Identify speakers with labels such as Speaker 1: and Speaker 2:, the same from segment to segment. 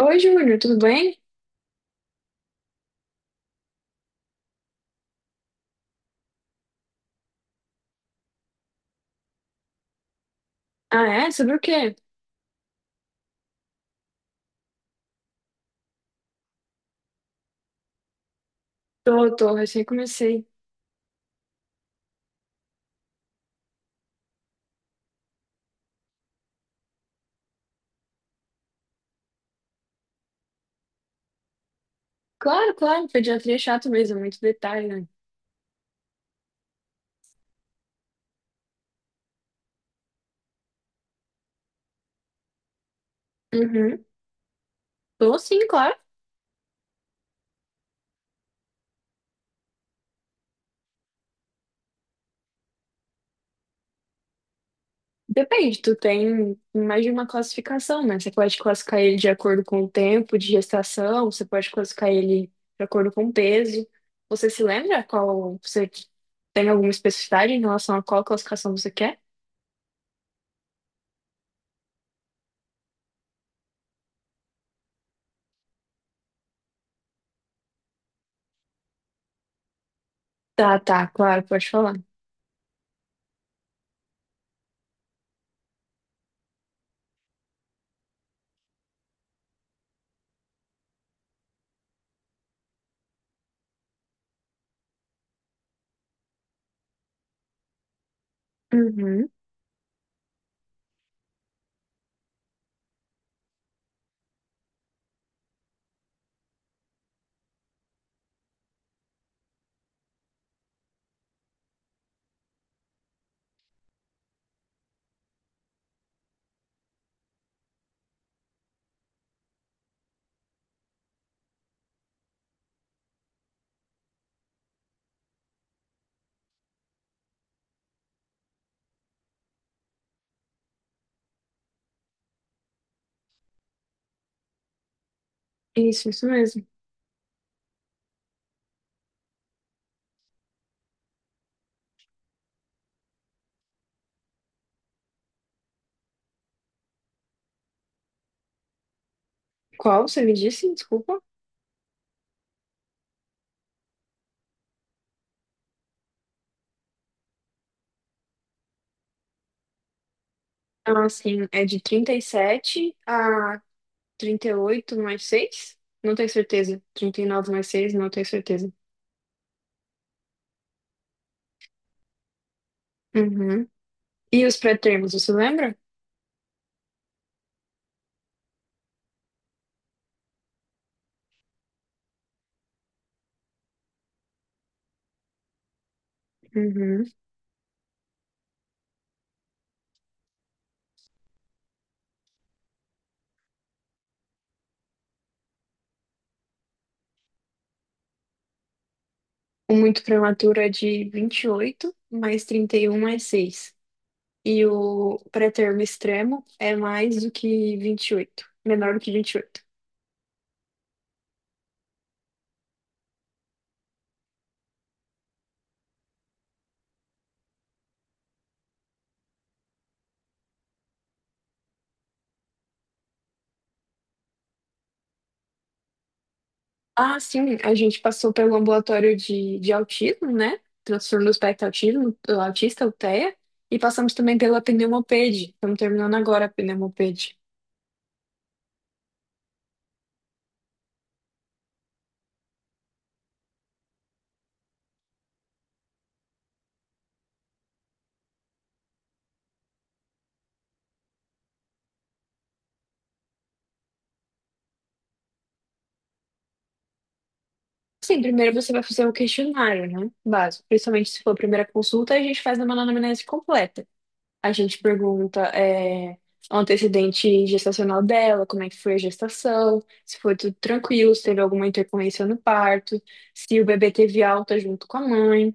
Speaker 1: Oi, Júlio, tudo bem? Ah, é? Sobre o quê? Tô, tô, recém comecei. Claro, claro, pediatria é chato mesmo, é muito detalhe, né? Uhum. Tô sim, claro. Depende, tu tem mais de uma classificação, né? Você pode classificar ele de acordo com o tempo de gestação, você pode classificar ele de acordo com o peso. Você se lembra qual, você tem alguma especificidade em relação a qual classificação você quer? Tá, tá, claro, pode falar. Uhum. Isso mesmo. Qual você me disse? Desculpa. Ah, sim, é de 37 a 38 mais seis, não tenho certeza. 39 mais seis, não tenho certeza. Uhum. E os pré-termos, você lembra? Uhum. O muito prematuro é de 28 mais 31 mais seis. E o pré-termo extremo é mais do que 28, menor do que 28. Ah, sim, a gente passou pelo ambulatório de autismo, né? Transtorno do espectro autismo, do autista, o TEA, e passamos também pela pneumopede. Estamos terminando agora a pneumopede. Sim, primeiro você vai fazer o questionário, né? Básico. Principalmente se for a primeira consulta, a gente faz uma anamnese completa. A gente pergunta o antecedente gestacional dela, como é que foi a gestação, se foi tudo tranquilo, se teve alguma intercorrência no parto, se o bebê teve alta junto com a mãe.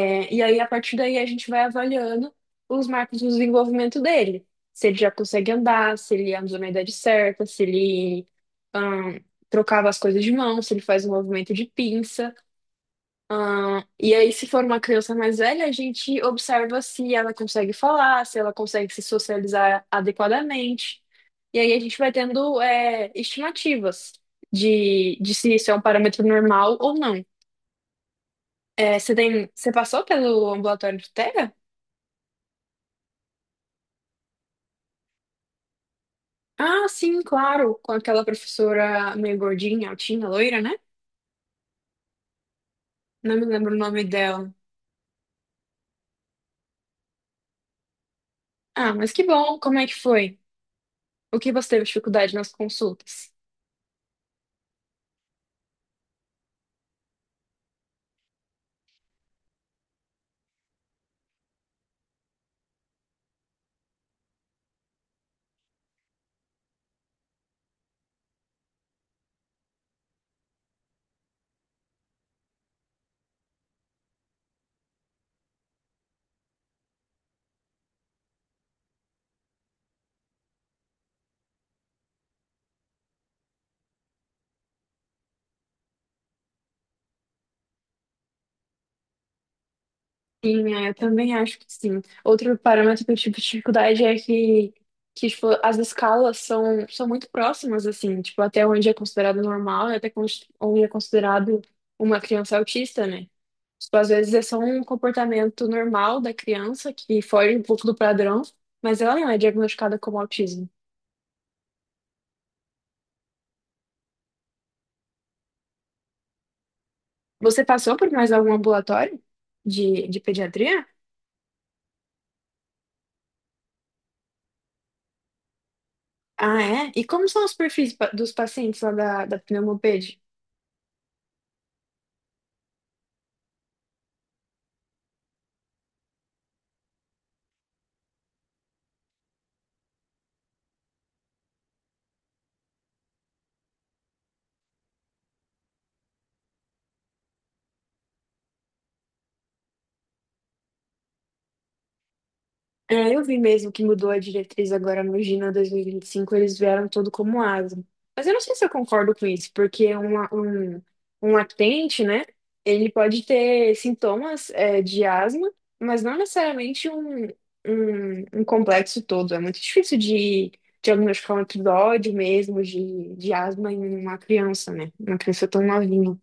Speaker 1: E aí, a partir daí, a gente vai avaliando os marcos do desenvolvimento dele. Se ele já consegue andar, se ele andou na idade certa, se ele ahn, trocava as coisas de mão, se ele faz um movimento de pinça. E aí, se for uma criança mais velha, a gente observa se ela consegue falar, se ela consegue se socializar adequadamente. E aí, a gente vai tendo estimativas de se isso é um parâmetro normal ou não. Você passou pelo ambulatório de Tega. Ah, sim, claro, com aquela professora meio gordinha, altinha, loira, né? Não me lembro o nome dela. Ah, mas que bom, como é que foi? O que você teve dificuldade nas consultas? Sim, eu também acho que sim. Outro parâmetro que eu tive dificuldade é que tipo, as escalas são muito próximas, assim, tipo, até onde é considerado normal e até onde é considerado uma criança autista, né? Tipo, às vezes é só um comportamento normal da criança que foge um pouco do padrão, mas ela não é diagnosticada como autismo. Você passou por mais algum ambulatório de pediatria? Ah, é? E como são os perfis dos pacientes lá da, da pneumoped? Eu vi mesmo que mudou a diretriz agora no Gina 2025, eles vieram todo como asa. Mas eu não sei se eu concordo com isso, porque um lactente, né, ele pode ter sintomas, de asma, mas não necessariamente um, um complexo todo. É muito difícil de diagnosticar um episódio mesmo de asma em uma criança, né? Uma criança tão novinha.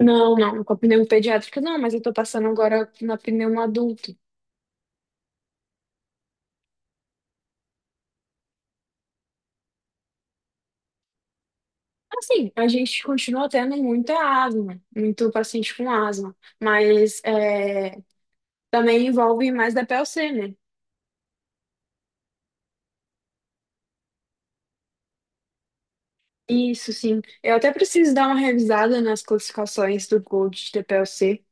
Speaker 1: Não, não, com a pneumo pediátrica não, mas eu tô passando agora na pneumo adulto. Assim, a gente continua tendo muita asma, muito paciente com asma, mas também envolve mais da PLC, né? Isso, sim. Eu até preciso dar uma revisada nas classificações do Gold da PLC.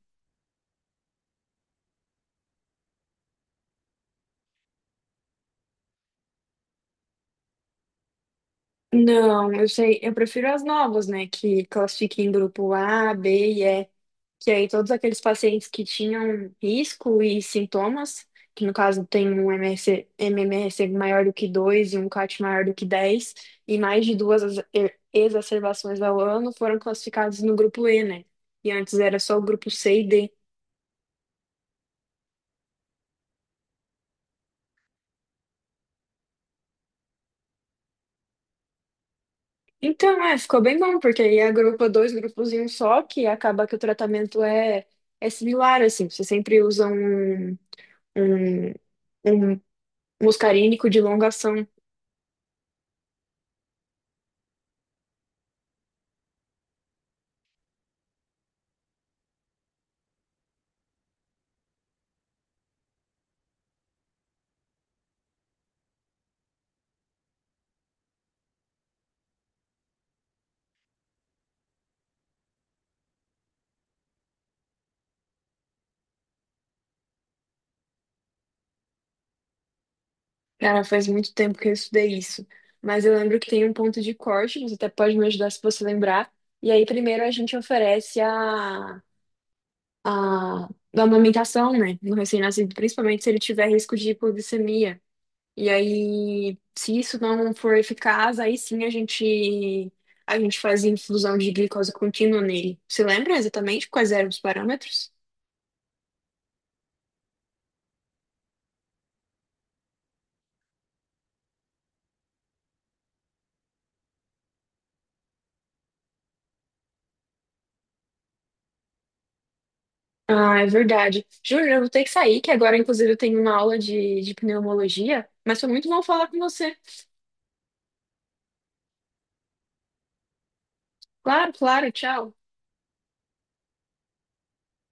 Speaker 1: Não, eu sei, eu prefiro as novas, né? Que classifiquem em grupo A, B e E, que aí todos aqueles pacientes que tinham risco e sintomas, que no caso tem um MRC, MMRC maior do que 2 e um CAT maior do que 10 e mais de duas exacerbações ao ano, foram classificados no grupo E, né? E antes era só o grupo C e D. Então, ficou bem bom, porque aí agrupa dois grupos em um só, que acaba que o tratamento é similar, assim, você sempre usa um, um, um muscarínico de longa ação. Cara, faz muito tempo que eu estudei isso, mas eu lembro que tem um ponto de corte, você até pode me ajudar se você lembrar. E aí, primeiro, a gente oferece da amamentação, né, no recém-nascido, principalmente se ele tiver risco de hipoglicemia. E aí, se isso não for eficaz, aí sim a gente faz infusão de glicose contínua nele. Você lembra exatamente quais eram os parâmetros? Ah, é verdade. Júlia, eu vou ter que sair, que agora, inclusive, eu tenho uma aula de pneumologia, mas foi muito bom falar com você. Claro, claro, tchau.